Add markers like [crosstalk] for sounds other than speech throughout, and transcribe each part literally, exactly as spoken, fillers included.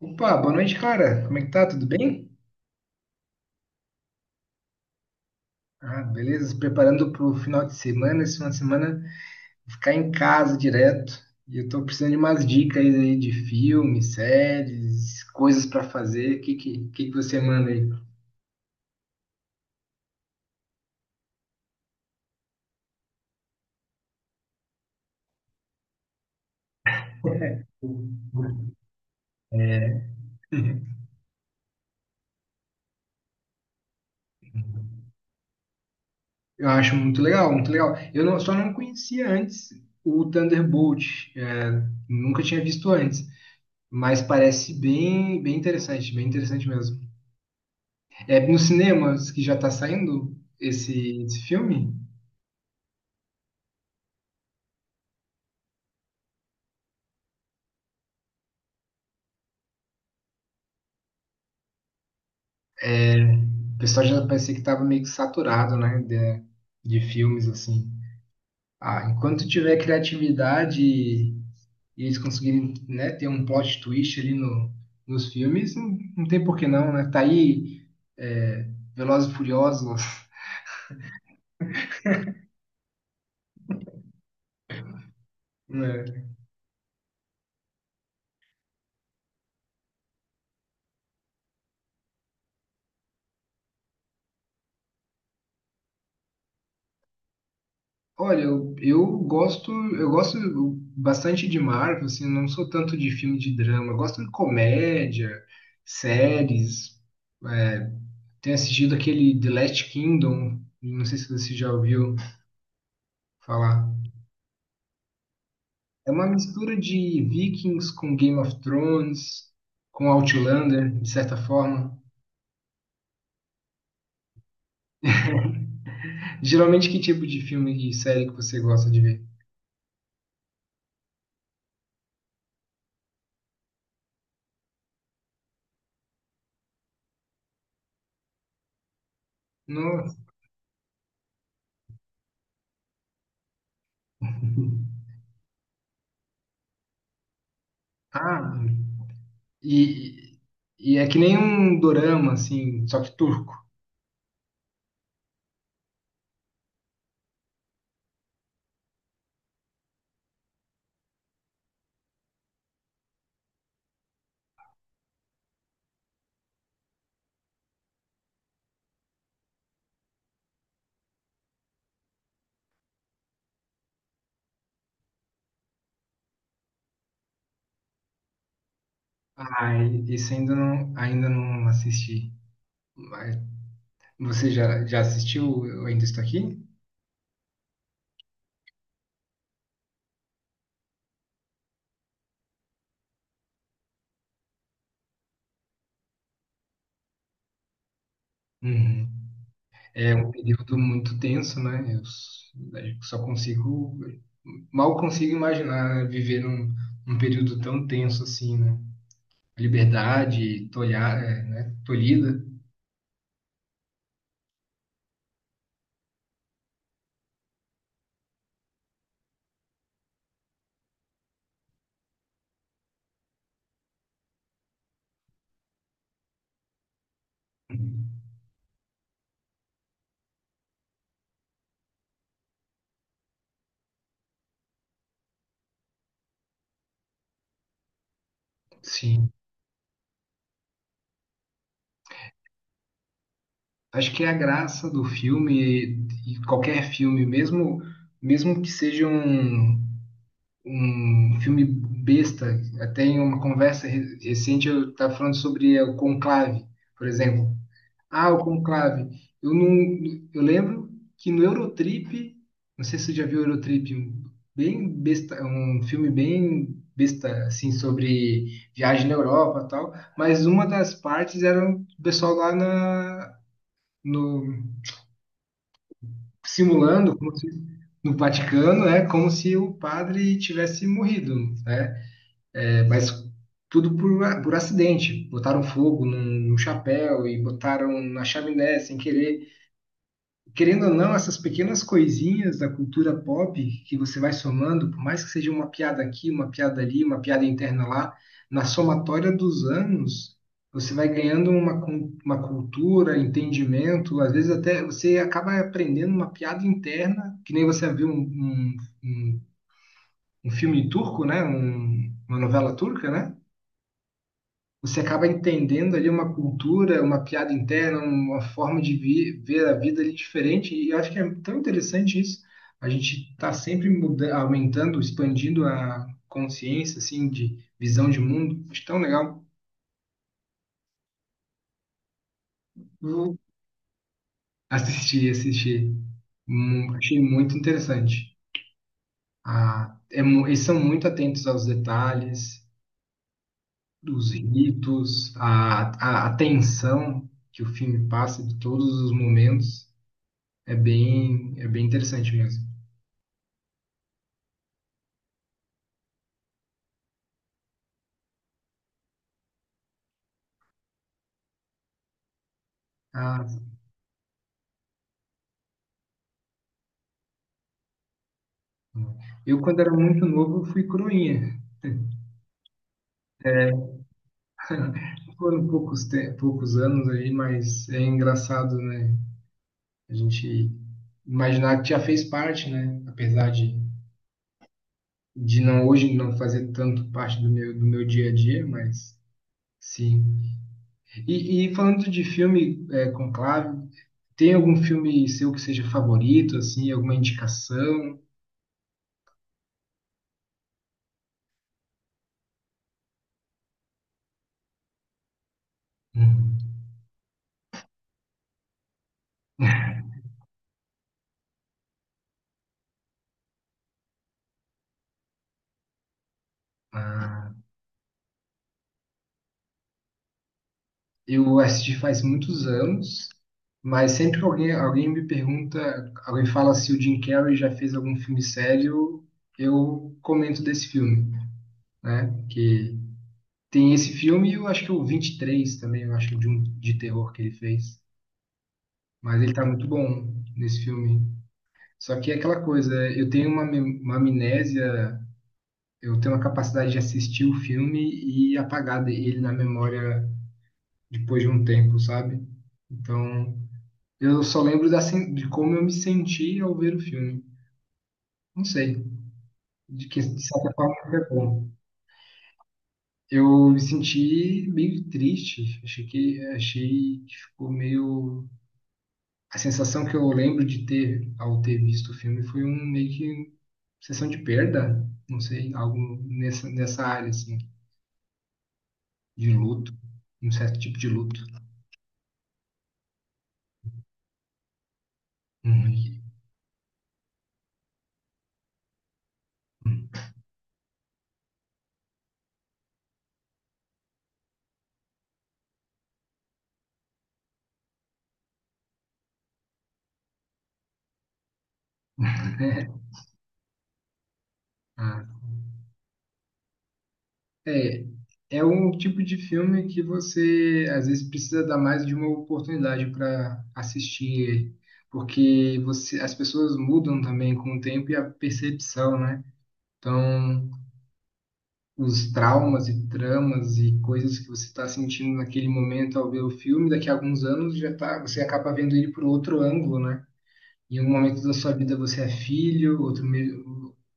Opa, boa noite, cara. Como é que tá? Tudo bem? Ah, beleza. Se preparando pro final de semana. Esse final de semana ficar em casa direto. E eu tô precisando de umas dicas aí de filmes, séries, coisas pra fazer. O que, que, que que você manda aí? [laughs] Eu acho muito legal, muito legal. Eu não- Só não conhecia antes o Thunderbolt. É, nunca tinha visto antes. Mas parece bem, bem interessante, bem interessante mesmo. É nos cinemas que já tá saindo esse, esse filme? O pessoal já parecia que estava meio que saturado, né? De, de filmes, assim. Ah, enquanto tiver criatividade e e eles conseguirem, né, ter um plot twist ali no, nos filmes, não, não tem por que não, né? Tá aí é, Velozes e Furiosos, [laughs] né? Olha, eu, eu gosto, eu gosto bastante de Marvel, assim, não sou tanto de filme de drama, eu gosto de comédia, séries, é, tenho assistido aquele The Last Kingdom, não sei se você já ouviu falar. É uma mistura de Vikings com Game of Thrones, com Outlander, de certa forma. Geralmente, que tipo de filme e série que você gosta de ver? Nossa. [laughs] Ah, e, e é que nem um dorama, assim, só que turco. Ah, e- esse ainda não, ainda não assisti. Mas você já, já assistiu Eu Ainda Estou Aqui? Uhum. É um período muito tenso, né? Eu s- eu só consigo, mal consigo imaginar, né, viver num, num período tão tenso assim, né? Liberdade tolha, é, né? Tolhida. Sim. Acho que é a graça do filme, e qualquer filme, mesmo, mesmo que seja um, um filme besta, até em uma conversa re- recente eu estava falando sobre é, o Conclave, por exemplo. Ah, o Conclave. Eu não, eu lembro que no Eurotrip, não sei se você já viu o Eurotrip, um bem besta, um filme bem besta assim sobre viagem na Europa, e tal, mas uma das partes era o pessoal lá na no simulando como se, no Vaticano, é como se o padre tivesse morrido, né? É, mas tudo por, por acidente. Botaram fogo num, num chapéu e botaram na chaminé sem querer. Querendo ou não, essas pequenas coisinhas da cultura pop que você vai somando, por mais que seja uma piada aqui, uma piada ali, uma piada interna lá, na somatória dos anos, você vai ganhando uma, cu- uma cultura, entendimento, às vezes até você acaba aprendendo uma piada interna, que nem você viu um, um, um, um filme turco, né? Um- uma novela turca, né? Você acaba entendendo ali uma cultura, uma piada interna, uma forma de vi- ver a vida ali diferente. E eu acho que é tão interessante isso. A gente está sempre muda- aumentando, expandindo a consciência, assim, de visão de mundo. Acho tão legal. Eu assisti, assisti. Hum, Achei muito interessante. Ah, é mu- eles são muito atentos aos detalhes, dos ritos, à à- à tensão que o filme passa de todos os momentos. É bem, é bem interessante mesmo. Ah, eu quando era muito novo eu fui coroinha. [laughs] Foram poucos, te- poucos anos aí, mas é engraçado, né? A gente imaginar que já fez parte, né? Apesar de, de não hoje não fazer tanto parte do meu, do meu dia a dia, mas sim. E, e falando de filme é, Conclave, tem algum filme seu que seja favorito, assim, alguma indicação? Hum. Ah. Eu assisti faz muitos anos, mas sempre que alguém, alguém me pergunta, alguém fala se o Jim Carrey já fez algum filme sério, eu comento desse filme, né? Que tem esse filme e eu acho que o vinte e três também, eu acho de um de terror que ele fez, mas ele tá muito bom nesse filme. Só que é aquela coisa, eu tenho uma, mem- uma amnésia, eu tenho uma capacidade de assistir o filme e apagar de- ele na memória depois de um tempo, sabe? Então, eu só lembro da, sen- de como eu me senti ao ver o filme. Não sei, de que de certa forma foi bom. Eu me senti meio triste. Achei que achei que ficou meio. A sensação que eu lembro de ter ao ter visto o filme foi um meio que sensação de perda, não sei, algo nessa nessa área assim, de luto, um certo tipo de luto. Hum, e- [laughs] Ah, é, é um tipo de filme que você às vezes precisa dar mais de uma oportunidade para assistir ele, porque você, as pessoas mudam também com o tempo e a percepção, né? Então, os traumas e tramas e coisas que você está sentindo naquele momento ao ver o filme, daqui a alguns anos já tá, você acaba vendo ele por outro ângulo, né? Em um momento da sua vida você é filho, outro me-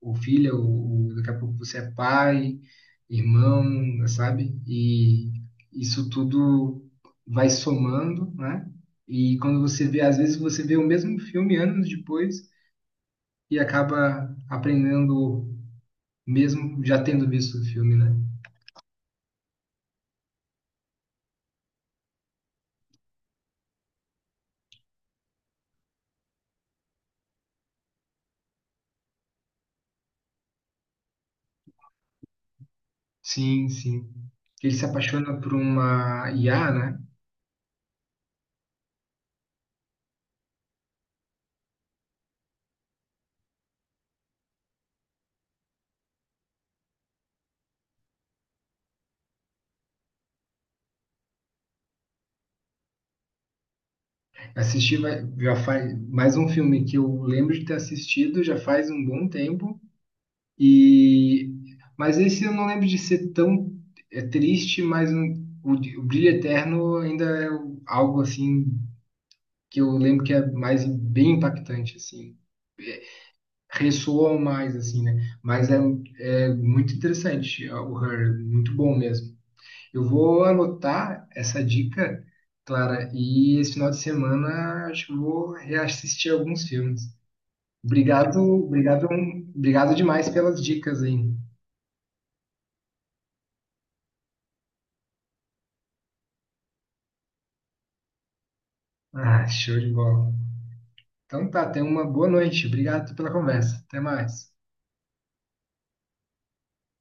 ou filha, ou, ou daqui a pouco você é pai, irmão, sabe? E isso tudo vai somando, né? E quando você vê, às vezes você vê o mesmo filme anos depois e acaba aprendendo mesmo já tendo visto o filme, né? Sim, sim. Ele se apaixona por uma I A, né? Assisti vai- já faz mais um filme que eu lembro de ter assistido já faz um bom tempo. E, mas esse eu não lembro de ser tão é, triste, mas um- o, de- o Brilho Eterno ainda é o- algo assim que eu lembro que é mais bem impactante assim. Ressoa mais assim, né? Mas é, é muito interessante ó, o Her, muito bom mesmo. Eu vou anotar essa dica, Clara, e esse final de semana acho que eu vou reassistir alguns filmes. Obrigado, obrigado, obrigado demais pelas dicas aí. Ah, show de bola. Então tá, tenha uma boa noite. Obrigado pela conversa. Até mais.